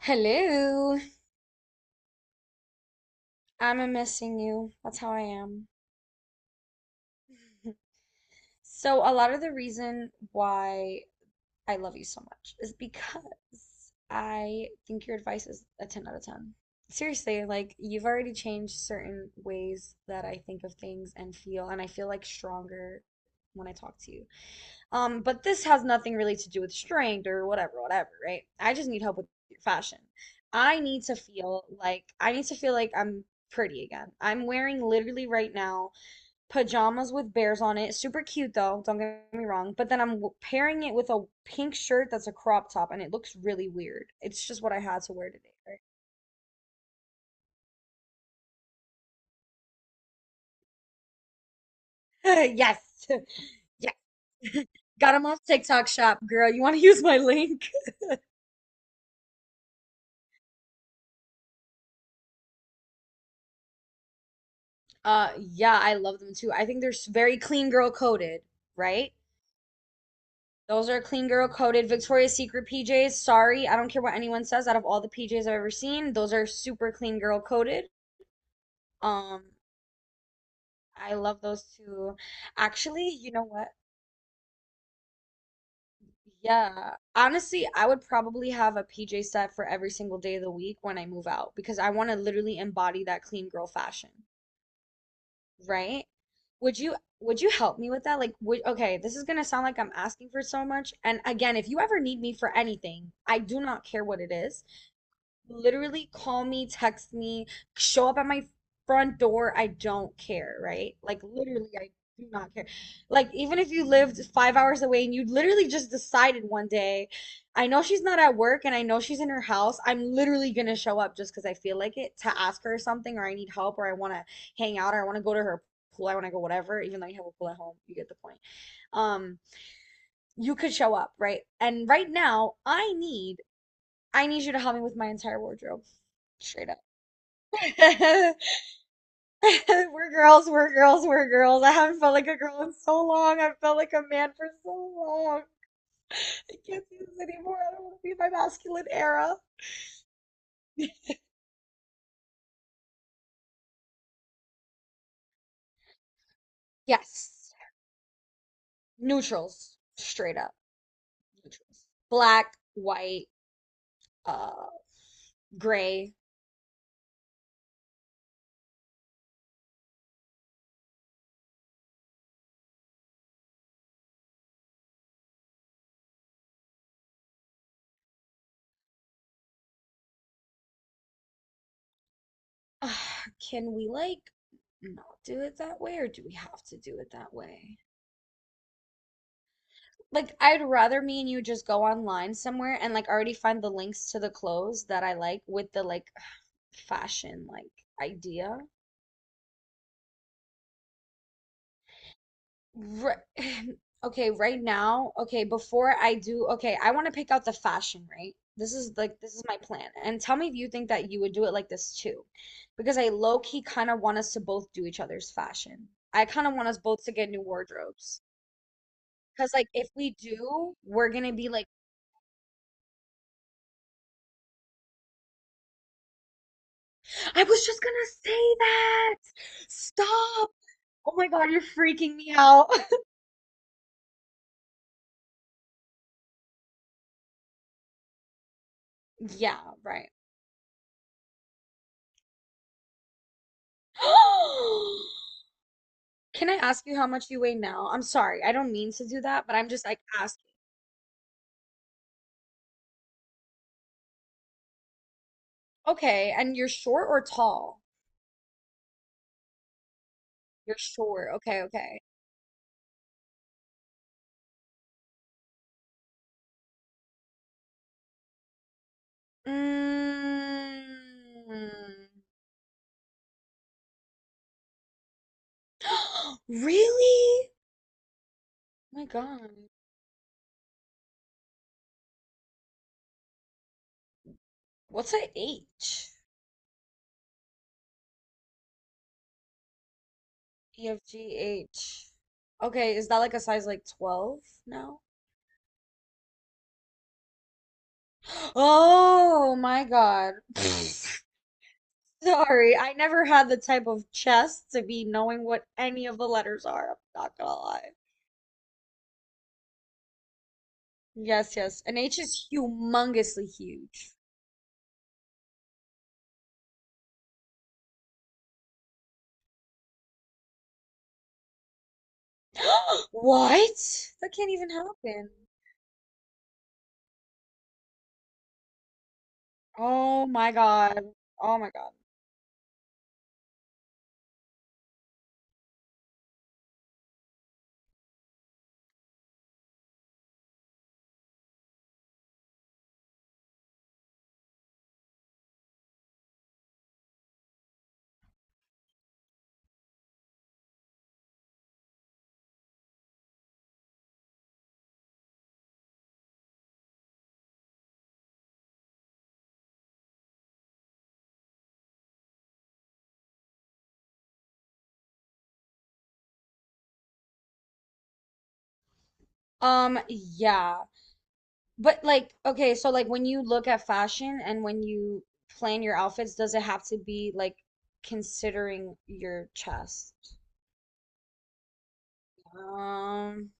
Hello. I'm missing you. That's how I am. So a lot of the reason why I love you so much is because I think your advice is a 10 out of 10. Seriously, like you've already changed certain ways that I think of things and feel, and I feel like stronger when I talk to you. But this has nothing really to do with strength or whatever, whatever, right? I just need help with fashion. I need to feel like I need to feel like I'm pretty again. I'm wearing literally right now pajamas with bears on it. Super cute though, don't get me wrong, but then I'm pairing it with a pink shirt that's a crop top and it looks really weird. It's just what I had to wear today, right? Yes. Yes. Got them off TikTok shop, girl. You want to use my link? Yeah, I love them too. I think they're very clean girl coded, right? Those are clean girl coded. Victoria's Secret PJs, sorry, I don't care what anyone says. Out of all the PJs I've ever seen, those are super clean girl coded. Um, I love those too. Actually, you know what? Yeah, honestly, I would probably have a PJ set for every single day of the week when I move out because I want to literally embody that clean girl fashion. Right? Would you help me with that? Like, would okay, this is gonna sound like I'm asking for so much. And again, if you ever need me for anything, I do not care what it is, literally call me, text me, show up at my front door. I don't care, right? Like literally, I do not care. Like even if you lived 5 hours away and you literally just decided one day, I know she's not at work and I know she's in her house. I'm literally gonna show up just because I feel like it to ask her something or I need help or I want to hang out or I want to go to her pool. I want to go whatever. Even though you have a pool at home, you get the point. Um, you could show up, right? And right now, I need you to help me with my entire wardrobe. Straight up. We're girls, we're girls, we're girls. I haven't felt like a girl in so long. I've felt like a man for so long. I can't do this anymore. I don't want to be in my masculine era. Yes. Neutrals. Straight up. Neutrals. Black, white, uh, gray. Ugh, can we like not do it that way, or do we have to do it that way? Like, I'd rather me and you just go online somewhere and like already find the links to the clothes that I like with the like fashion like idea. Right. Okay, right now, okay, before I do, okay, I want to pick out the fashion, right? This is like this is my plan. And tell me if you think that you would do it like this too. Because I low key kind of want us to both do each other's fashion. I kind of want us both to get new wardrobes. Because like if we do, we're gonna be like I was just gonna say that. Stop. Oh my God, you're freaking me out. Yeah, right. Can I ask you how much you weigh now? I'm sorry, I don't mean to do that, but I'm just like asking. Okay, and you're short or tall? You're short. Okay, okay. Mm. Really? My God. What's a H? E F G H. Okay, is that like a size like 12 now? Oh my God. Sorry, I never had the type of chest to be knowing what any of the letters are. I'm not gonna lie. Yes, yes. An H is humongously huge. What? That can't even happen. Oh my God. Oh my God. Yeah. But like, okay, so like when you look at fashion and when you plan your outfits, does it have to be like considering your chest? Um,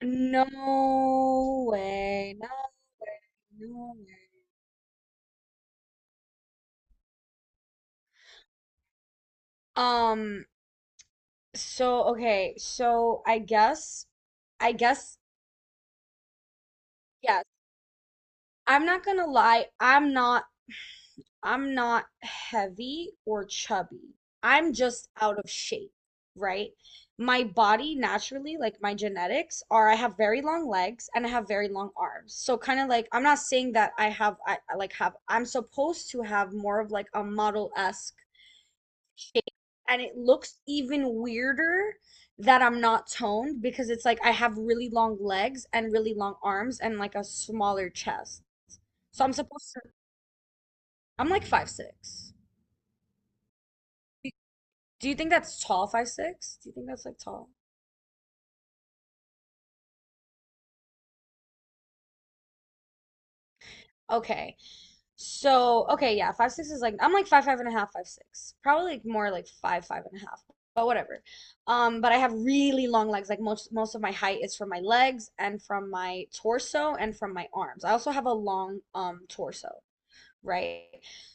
No way. No way. No way. Um, so okay, so I guess yes. I'm not gonna lie, I'm not heavy or chubby. I'm just out of shape, right? My body naturally, like my genetics are I have very long legs and I have very long arms. So kind of like I'm not saying that I have I, like have I'm supposed to have more of like a model-esque shape and it looks even weirder that I'm not toned because it's like I have really long legs and really long arms and like a smaller chest. So I'm supposed to, I'm like 5'6". Do you think that's tall, 5'6"? Do you think that's like tall? Okay. So okay, yeah, 5'6" is like I'm like five five and a half, 5'6", probably like more like five five and a half, but whatever. But I have really long legs. Like most of my height is from my legs and from my torso and from my arms. I also have a long torso, right?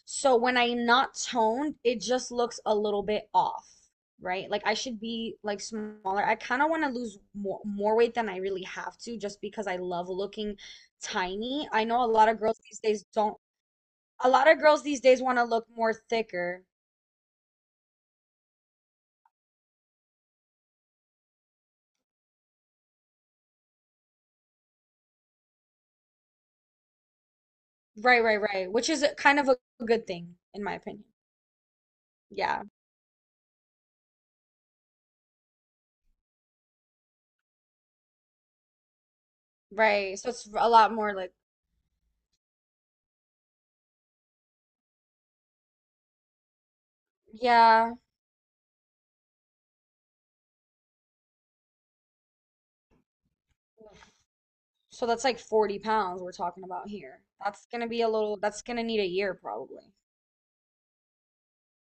So when I'm not toned, it just looks a little bit off, right? Like I should be like smaller. I kind of want to lose more weight than I really have to, just because I love looking tiny. I know a lot of girls these days don't a lot of girls these days want to look more thicker. Right, right, right. Which is kind of a good thing, in my opinion. Yeah, right. So it's a lot more like, yeah. So that's like 40 pounds we're talking about here. That's gonna need a year probably.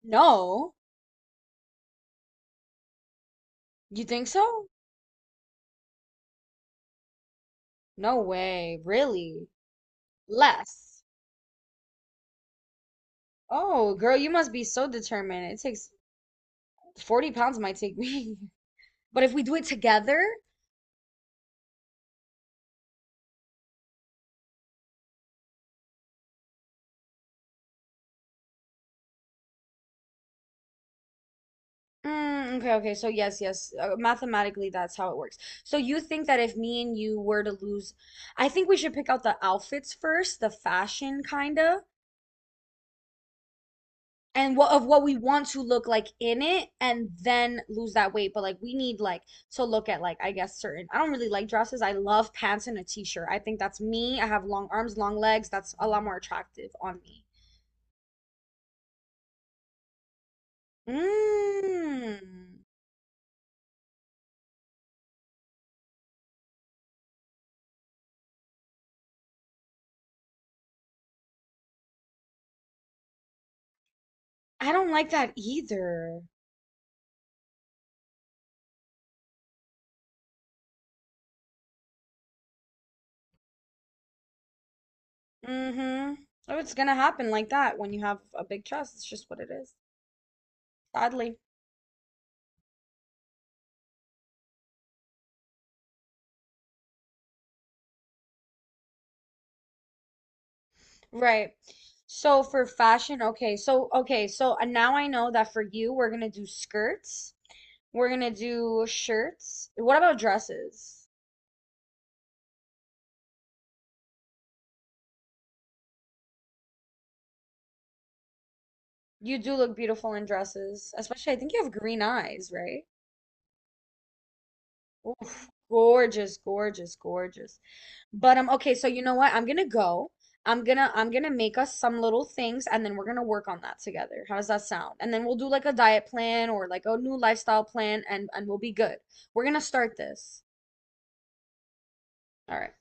No, you think so? No way, really? Less. Oh, girl, you must be so determined. It takes 40 pounds might take me. But if we do it together, Mm, okay, okay. So yes, yes. Mathematically, that's how it works. So you think that if me and you were to lose, I think we should pick out the outfits first, the fashion kind of, and what we want to look like in it, and then lose that weight. But like we need like to look at like I guess certain. I don't really like dresses. I love pants and a t-shirt. I think that's me. I have long arms, long legs. That's a lot more attractive on me. Mm, I don't like that either. Mm-hmm. Oh, it's gonna happen like that when you have a big chest. It's just what it is, sadly. Right. So for fashion, okay. So okay, so now I know that for you, we're gonna do skirts. We're gonna do shirts. What about dresses? You do look beautiful in dresses, especially I think you have green eyes, right? Oh, gorgeous, gorgeous, gorgeous. But okay, so you know what? I'm gonna go. I'm gonna make us some little things and then we're gonna work on that together. How does that sound? And then we'll do like a diet plan or like a new lifestyle plan and we'll be good. We're gonna start this. All right.